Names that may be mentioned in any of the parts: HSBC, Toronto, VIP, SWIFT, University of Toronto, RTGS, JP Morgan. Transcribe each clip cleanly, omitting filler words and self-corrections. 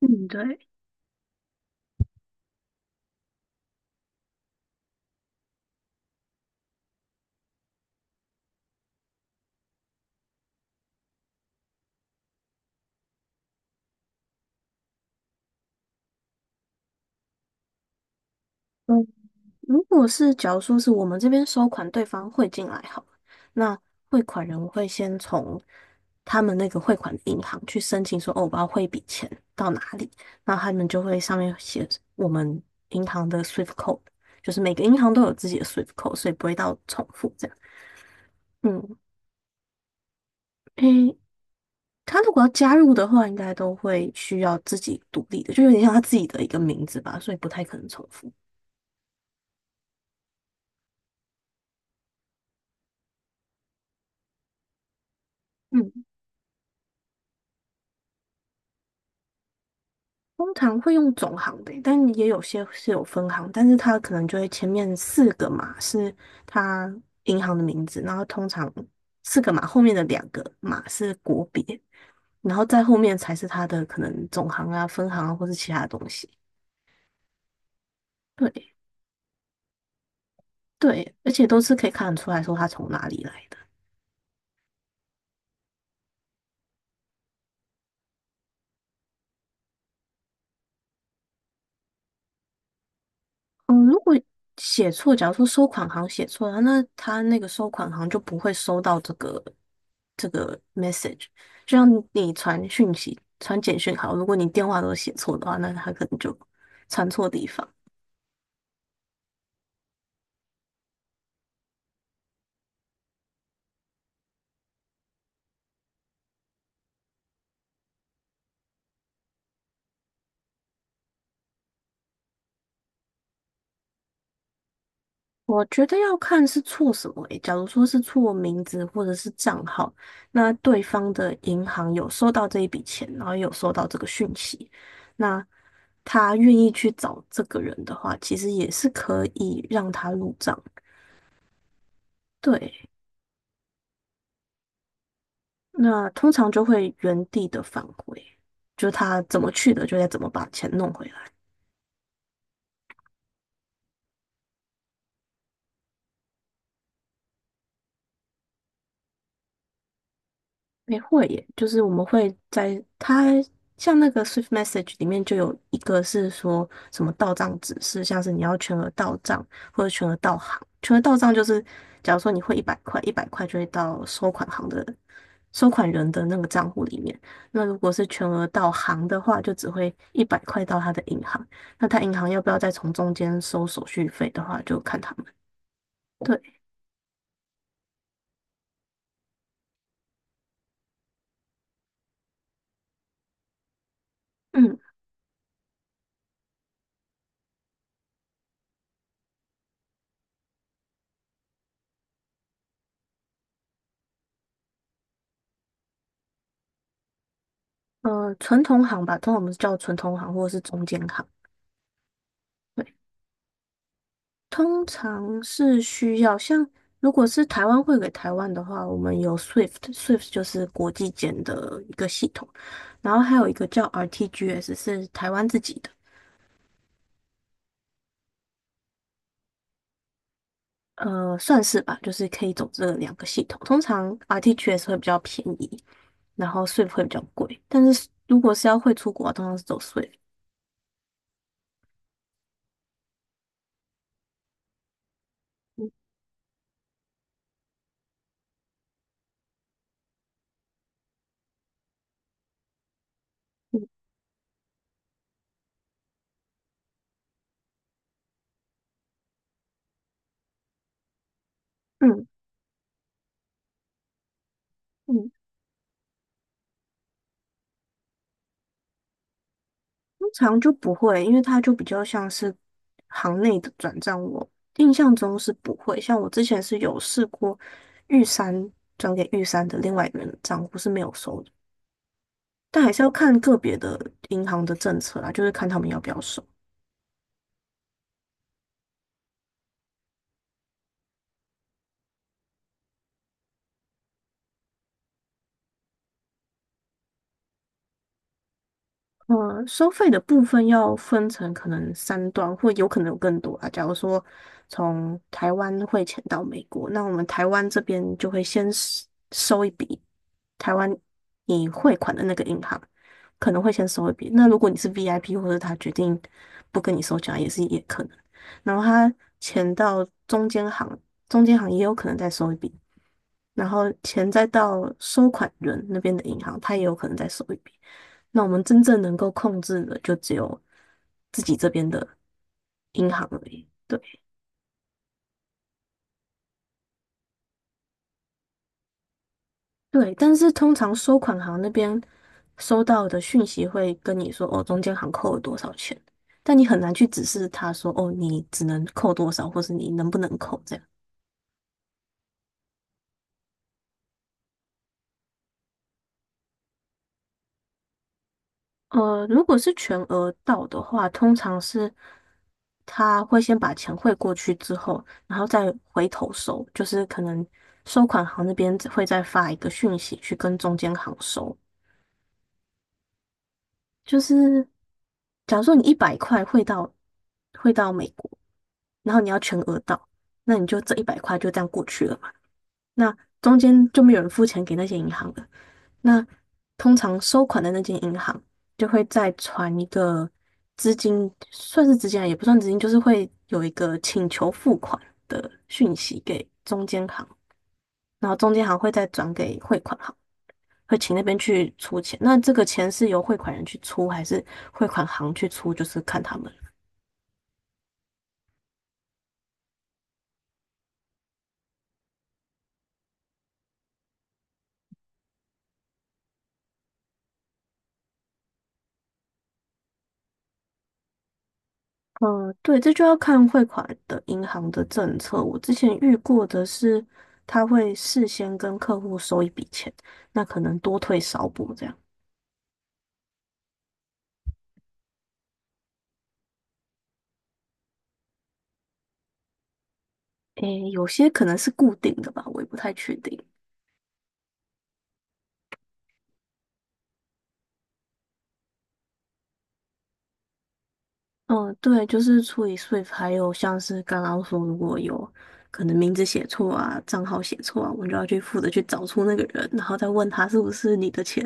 嗯，对，嗯，如果是假如说是我们这边收款，对方汇进来好了，那汇款人我会先从他们那个汇款的银行去申请说，哦，我要汇一笔钱到哪里，那他们就会上面写我们银行的 SWIFT code，就是每个银行都有自己的 SWIFT code，所以不会到重复这样。嗯，诶，他如果要加入的话，应该都会需要自己独立的，就有点像他自己的一个名字吧，所以不太可能重复。嗯。通常会用总行的，但也有些是有分行，但是它可能就会前面四个码是它银行的名字，然后通常四个码后面的两个码是国别，然后再后面才是它的可能总行啊、分行啊或是其他东西。对对，而且都是可以看得出来说它从哪里来的。嗯，如果写错，假如说收款行写错了，那他那个收款行就不会收到这个 message。就像你传讯息、传简讯好，如果你电话都写错的话，那他可能就传错地方。我觉得要看是错什么诶，假如说是错名字或者是账号，那对方的银行有收到这一笔钱，然后也有收到这个讯息，那他愿意去找这个人的话，其实也是可以让他入账。对，那通常就会原地的返回，就他怎么去的，就得怎么把钱弄回来。没会耶，就是我们会在它像那个 Swift Message 里面就有一个是说什么到账指示，像是你要全额到账或者全额到行。全额到账就是，假如说你汇一百块，一百块就会到收款行的收款人的那个账户里面。那如果是全额到行的话，就只会一百块到他的银行。那他银行要不要再从中间收手续费的话，就看他们。对，嗯，纯同行吧，通常我们是叫纯同行或者是中间行。对。通常是需要，像如果是台湾汇给台湾的话，我们有 SWIFT，SWIFT 就是国际间的一个系统，然后还有一个叫 RTGS 是台湾自己的，算是吧，就是可以走这两个系统。通常 RTGS 会比较便宜，然后 SWIFT 会比较贵，但是如果是要汇出国，通常是走 SWIFT。嗯嗯嗯。通常就不会，因为它就比较像是行内的转账，我印象中是不会。像我之前是有试过玉山转给玉山的另外一个人的账户是没有收的，但还是要看个别的银行的政策啦，就是看他们要不要收。收费的部分要分成可能三段，或有可能有更多啊。假如说从台湾汇钱到美国，那我们台湾这边就会先收一笔台湾你汇款的那个银行可能会先收一笔。那如果你是 VIP，或者他决定不跟你收钱啊，也是也可能。然后他钱到中间行，中间行也有可能再收一笔。然后钱再到收款人那边的银行，他也有可能再收一笔。那我们真正能够控制的，就只有自己这边的银行而已。对对，但是通常收款行那边收到的讯息会跟你说，哦，中间行扣了多少钱，但你很难去指示他说，哦，你只能扣多少，或是你能不能扣这样。如果是全额到的话，通常是他会先把钱汇过去之后，然后再回头收，就是可能收款行那边会再发一个讯息去跟中间行收。就是假如说你一百块汇到美国，然后你要全额到，那你就这一百块就这样过去了。那中间就没有人付钱给那些银行了。那通常收款的那间银行就会再传一个资金，算是资金啊，也不算资金，就是会有一个请求付款的讯息给中间行，然后中间行会再转给汇款行，会请那边去出钱。那这个钱是由汇款人去出，还是汇款行去出，就是看他们。嗯，对，这就要看汇款的银行的政策。我之前遇过的是，他会事先跟客户收一笔钱，那可能多退少补这样。诶，有些可能是固定的吧，我也不太确定。嗯，对，就是处理 Swift，还有像是刚刚说，如果有可能名字写错啊、账号写错啊，我们就要去负责去找出那个人，然后再问他是不是你的钱，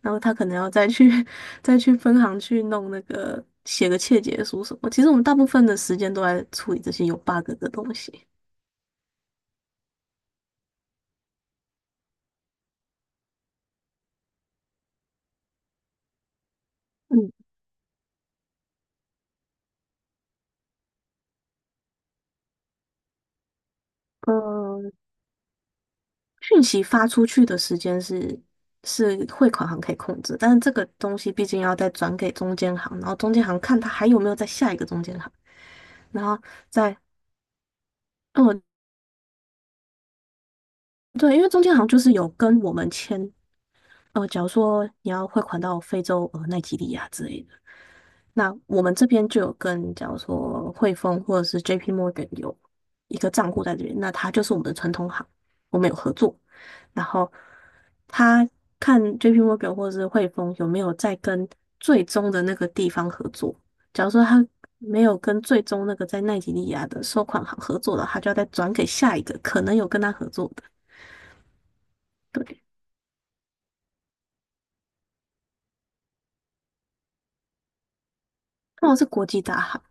然后他可能要再去 再去分行去弄那个写个窃结书什么。其实我们大部分的时间都在处理这些有 bug 的东西。嗯，呃，讯息发出去的时间是汇款行可以控制，但是这个东西毕竟要再转给中间行，然后中间行看他还有没有在下一个中间行。然后再，嗯，对，因为中间好像就是有跟我们签，假如说你要汇款到非洲，奈及利亚之类的。那我们这边就有跟，假如说汇丰或者是 JP Morgan 有一个账户在这边，那它就是我们的传统行，我们有合作。然后他看 JP Morgan 或者是汇丰有没有在跟最终的那个地方合作。假如说他没有跟最终那个在奈及利亚的收款行合作的，他就要再转给下一个可能有跟他合作的。对，通常是国际大行，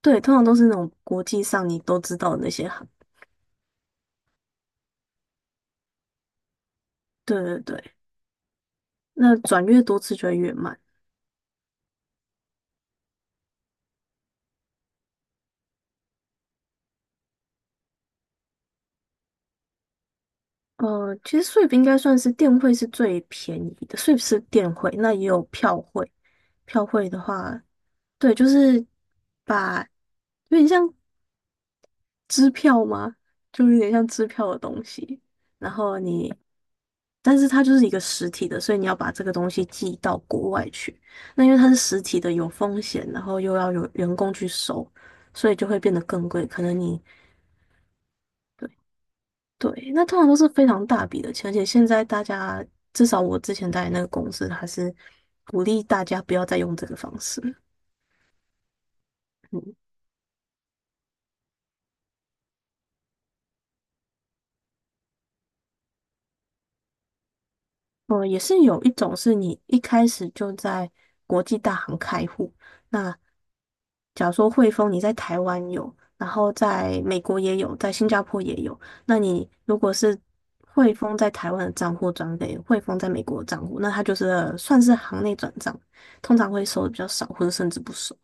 对，通常都是那种国际上你都知道的那些行。对对对。那转越多次就会越慢。其实 s w 应该算是电汇是最便宜的 s w 是电汇，那也有票汇。票汇的话，对，就是把有点像支票吗？就有点像支票的东西。然后你，但是它就是一个实体的，所以你要把这个东西寄到国外去。那因为它是实体的，有风险，然后又要有员工去收，所以就会变得更贵。可能你。对，那通常都是非常大笔的钱，而且现在大家至少我之前待的那个公司，它是鼓励大家不要再用这个方式。嗯，也是有一种是你一开始就在国际大行开户，那假如说汇丰你在台湾有，然后在美国也有，在新加坡也有，那你如果是汇丰在台湾的账户转给汇丰在美国的账户，那它就是算是行内转账，通常会收的比较少，或者甚至不收。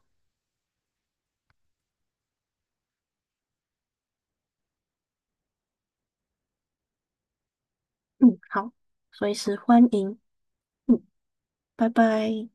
嗯，好，随时欢迎。嗯，拜拜。